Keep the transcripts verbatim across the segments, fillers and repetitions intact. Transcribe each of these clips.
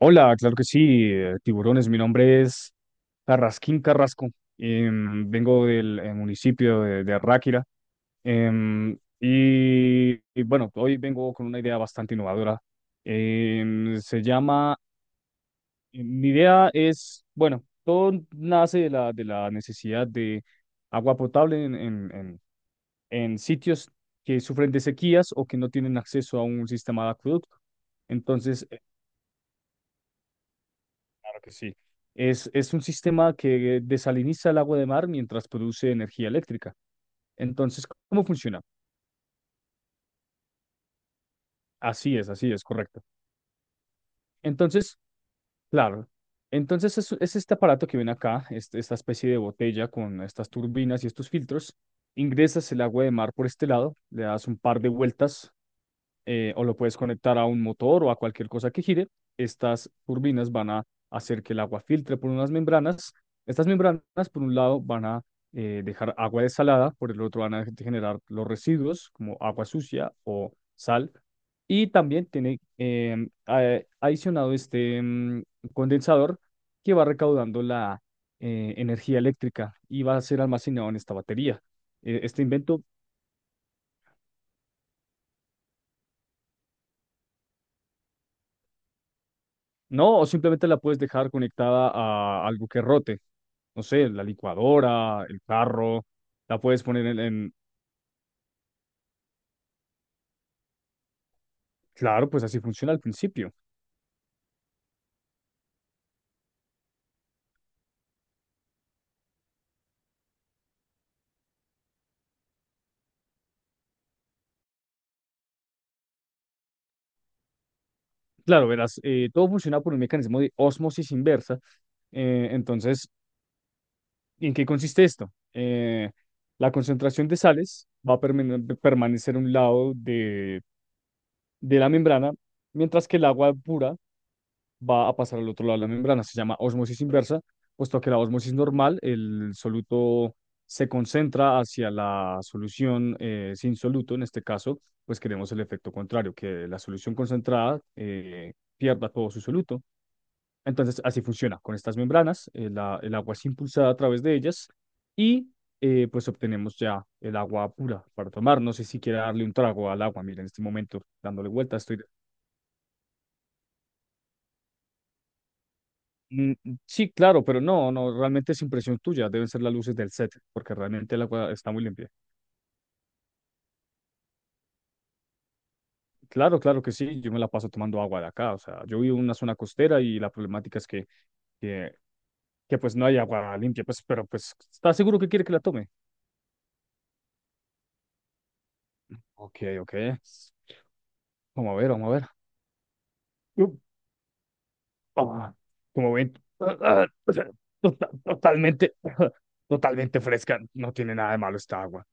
Hola, claro que sí, eh, tiburones. Mi nombre es Carrasquín Carrasco. Em, vengo del eh, municipio de, de Ráquira. em, y, y bueno, hoy vengo con una idea bastante innovadora. em, se llama, Mi idea es, bueno, todo nace de la, de la necesidad de agua potable en, en, en en sitios que sufren de sequías o que no tienen acceso a un sistema de acueducto. Entonces, que sí. Es, es un sistema que desaliniza el agua de mar mientras produce energía eléctrica. Entonces, ¿cómo funciona? Así es, así es, correcto. Entonces, claro, entonces es, es este aparato que ven acá, este- esta especie de botella con estas turbinas y estos filtros. Ingresas el agua de mar por este lado, le das un par de vueltas, eh, o lo puedes conectar a un motor o a cualquier cosa que gire. Estas turbinas van a hacer que el agua filtre por unas membranas. Estas membranas, por un lado, van a eh, dejar agua desalada; por el otro van a generar los residuos como agua sucia o sal. Y también tiene, em, a- adicionado, este em, condensador que va recaudando la eh, energía eléctrica y va a ser almacenado en esta batería. Eh, este invento. No, o simplemente la puedes dejar conectada a algo que rote. No sé, la licuadora, el carro, la puedes poner en... en- Claro, pues así funciona al principio. Claro, verás, eh, todo funciona por un mecanismo de ósmosis inversa. Eh, entonces, ¿en qué consiste esto? Eh, la concentración de sales va a permane- permanecer a un lado de, de la membrana, mientras que el agua pura va a pasar al otro lado de la membrana. Se llama osmosis inversa, puesto que la osmosis normal, el soluto se concentra hacia la solución eh, sin soluto. En este caso, pues queremos el efecto contrario, que la solución concentrada eh, pierda todo su soluto. Entonces, así funciona con estas membranas. Eh, la- el agua es impulsada a través de ellas, y eh, pues obtenemos ya el agua pura para tomar. No sé si quiere darle un trago al agua. Mira, en este momento, dándole vuelta, estoy. Mm. Sí, claro, pero no, no, realmente es impresión tuya, deben ser las luces del set, porque realmente el agua está muy limpia. Claro, claro que sí, yo me la paso tomando agua de acá. O sea, yo vivo en una zona costera y la problemática es que, que, que, pues no hay agua limpia, pues, pero pues, ¿estás seguro que quiere que la tome? Ok, ok, vamos a ver, vamos a ver. Uh, ah, Como ven, ah, ah, o sea, tota- totalmente, totalmente fresca, no tiene nada de malo esta agua.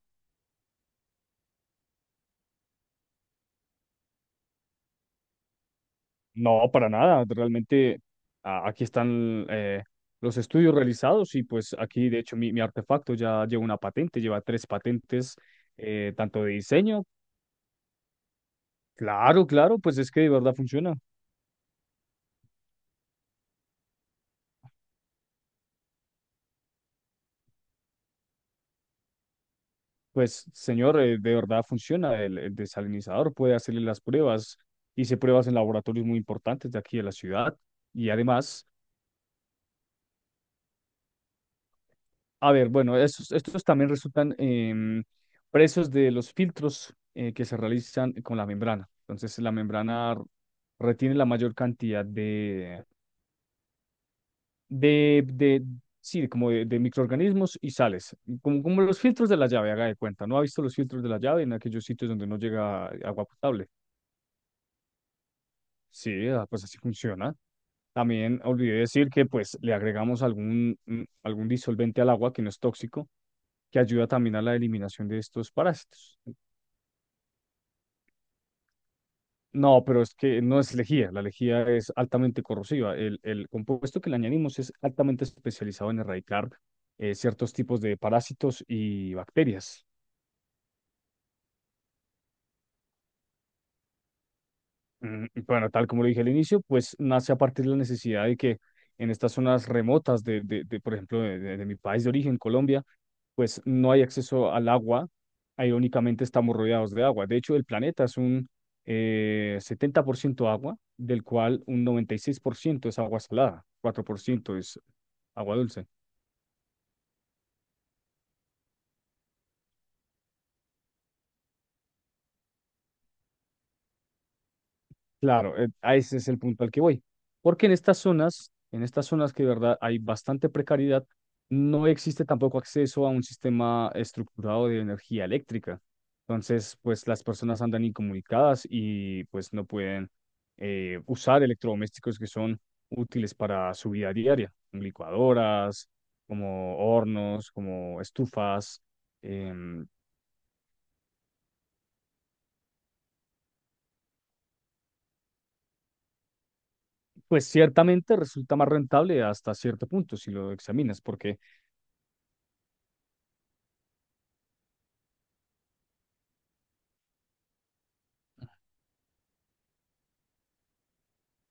No, para nada. Realmente a- aquí están, eh, los estudios realizados, y pues aquí de hecho mi, mi artefacto ya lleva una patente, lleva tres patentes, eh, tanto de diseño. Claro, claro, pues es que de verdad funciona. Pues señor, eh, de verdad funciona. El, el desalinizador puede hacerle las pruebas. Hice pruebas en laboratorios muy importantes de aquí de la ciudad, y además... A ver, bueno, estos, estos también resultan, em, presos de los filtros eh, que se realizan con la membrana. Entonces, la membrana r- retiene la mayor cantidad de, de, de- sí, como de, de microorganismos y sales, como, como los filtros de la llave, haga de cuenta. ¿No ha visto los filtros de la llave en aquellos sitios donde no llega agua potable? Sí, ah, pues así funciona. También olvidé decir que pues le agregamos algún, mm, algún disolvente al agua que no es tóxico, que ayuda también a la eliminación de estos parásitos. No, pero es que no es lejía, la lejía es altamente corrosiva. El, el compuesto que le añadimos es altamente especializado en erradicar eh, ciertos tipos de parásitos y bacterias. Mm, y bueno, tal como lo dije al inicio, pues nace a partir de la necesidad de que en estas zonas remotas de, de, de, por ejemplo, de, de- de mi país de origen, Colombia, pues no hay acceso al agua. Ah, irónicamente, estamos rodeados de agua. De hecho, el planeta es un eh, setenta por ciento agua, del cual un noventa y seis por ciento es agua salada, cuatro por ciento es agua dulce. Claro, eh, a ese es el punto al que voy. Porque en estas zonas, en estas zonas que de verdad hay bastante precariedad, no existe tampoco acceso a un sistema estructurado de energía eléctrica. Entonces, pues las personas andan incomunicadas y pues no pueden eh, usar electrodomésticos que son útiles para su vida diaria, como licuadoras, como hornos, como estufas. em, pues ciertamente resulta más rentable hasta cierto punto si lo examinas, porque...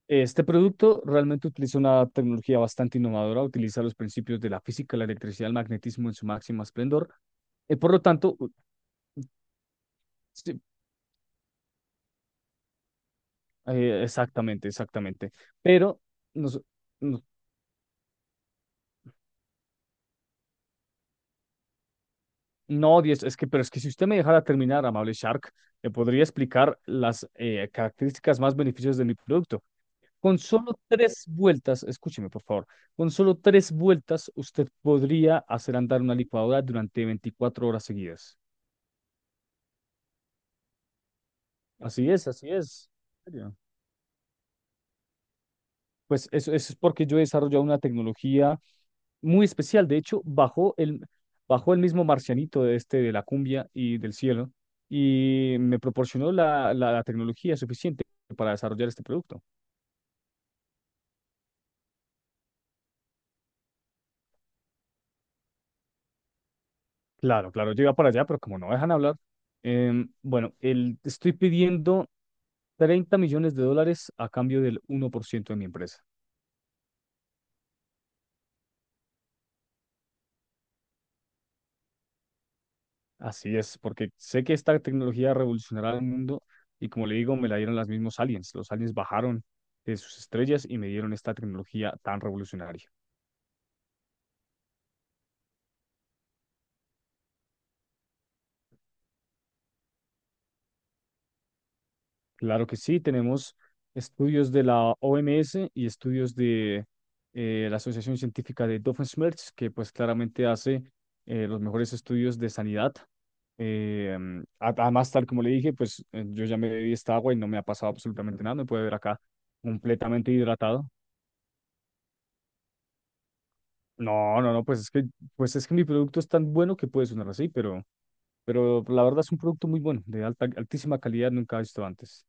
Este producto realmente utiliza una tecnología bastante innovadora, utiliza los principios de la física, la electricidad, el magnetismo en su máximo esplendor. Eh, por lo tanto, u- sí, eh, exactamente, exactamente. Pero, nos- no, no, diez, es que, pero es que si usted me dejara terminar, amable Shark, le podría explicar las eh, características más beneficiosas de mi producto. Con solo tres vueltas, escúcheme por favor, con solo tres vueltas usted podría hacer andar una licuadora durante veinticuatro horas seguidas. Así es, así es. En serio. Pues eso, eso es porque yo he desarrollado una tecnología muy especial. De hecho, bajó el, bajó el mismo marcianito de este, de la cumbia y del cielo, y me proporcionó la, la, la tecnología suficiente para desarrollar este producto. Claro, claro, yo iba para allá, pero como no dejan hablar, em, bueno, el, estoy pidiendo treinta millones de dólares a cambio del uno por ciento de mi empresa. Así es, porque sé que esta tecnología revolucionará el mundo, y como le digo, me la dieron los mismos aliens. Los aliens bajaron de sus estrellas y me dieron esta tecnología tan revolucionaria. Claro que sí, tenemos estudios de la O M S y estudios de, eh, la Asociación Científica de Doofenshmirtz, que pues claramente hace eh, los mejores estudios de sanidad. Eh, mm, a- además, tal como le dije, pues eh, yo ya me bebí esta agua y no me ha pasado absolutamente nada. Me puede ver acá completamente hidratado. No, no, no, pues es que, pues es que mi producto es tan bueno que puede sonar así, pero, pero la verdad es un producto muy bueno, de alta, altísima calidad, nunca visto antes.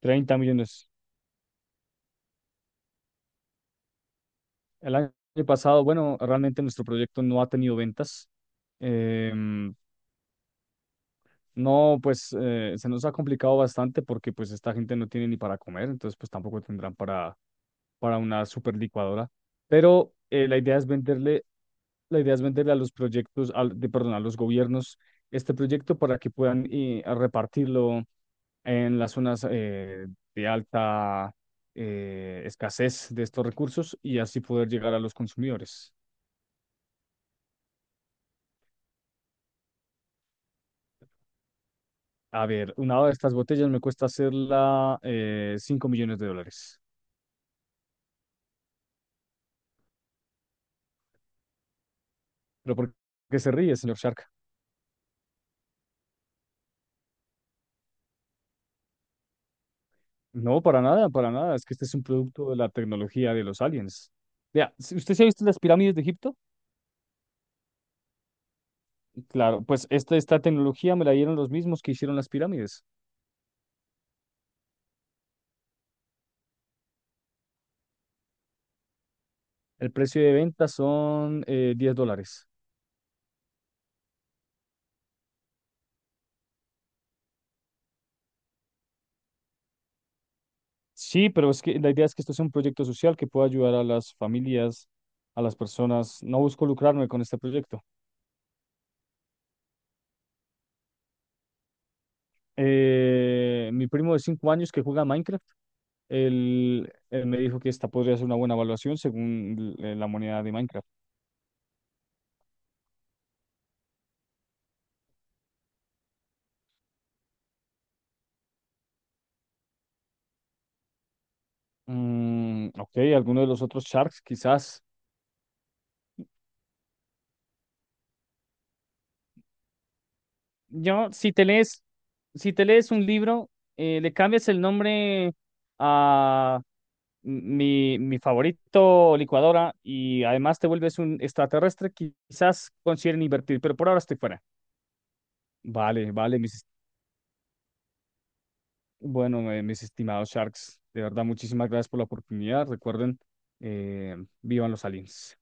Treinta millones. El año pasado, bueno, realmente nuestro proyecto no ha tenido ventas. Em, No, pues eh, se nos ha complicado bastante porque pues esta gente no tiene ni para comer, entonces pues tampoco tendrán para, para una super licuadora. Pero eh, la idea es venderle, la idea es venderle a los proyectos, al, de, perdón, a los gobiernos este proyecto, para que puedan eh, a repartirlo en las zonas, eh, de alta eh, escasez de estos recursos, y así poder llegar a los consumidores. A ver, una de estas botellas me cuesta hacerla eh, cinco millones de dólares. ¿Pero por qué se ríe, señor Shark? No, para nada, para nada. Es que este es un producto de la tecnología de los aliens. Vea, ¿s- ¿usted se ha visto las pirámides de Egipto? Claro, pues esta, esta tecnología me la dieron los mismos que hicieron las pirámides. El precio de venta son, eh, diez dólares. Sí, pero es que la idea es que esto es un proyecto social que pueda ayudar a las familias, a las personas. No busco lucrarme con este proyecto. Eh, mi primo de cinco años, que juega a Minecraft. Él, él me dijo que esta podría ser una buena evaluación, según l- eh, la moneda de Minecraft. Mm, ok, alguno de los otros Sharks, quizás. Yo, si te lees, si te lees un libro, eh, le cambias el nombre a mi, mi favorito licuadora, y además te vuelves un extraterrestre, quizás consideren invertir, pero por ahora estoy fuera. Vale, vale, mis, est- bueno, eh, mis estimados Sharks, de verdad, muchísimas gracias por la oportunidad. Recuerden, eh, vivan los aliens.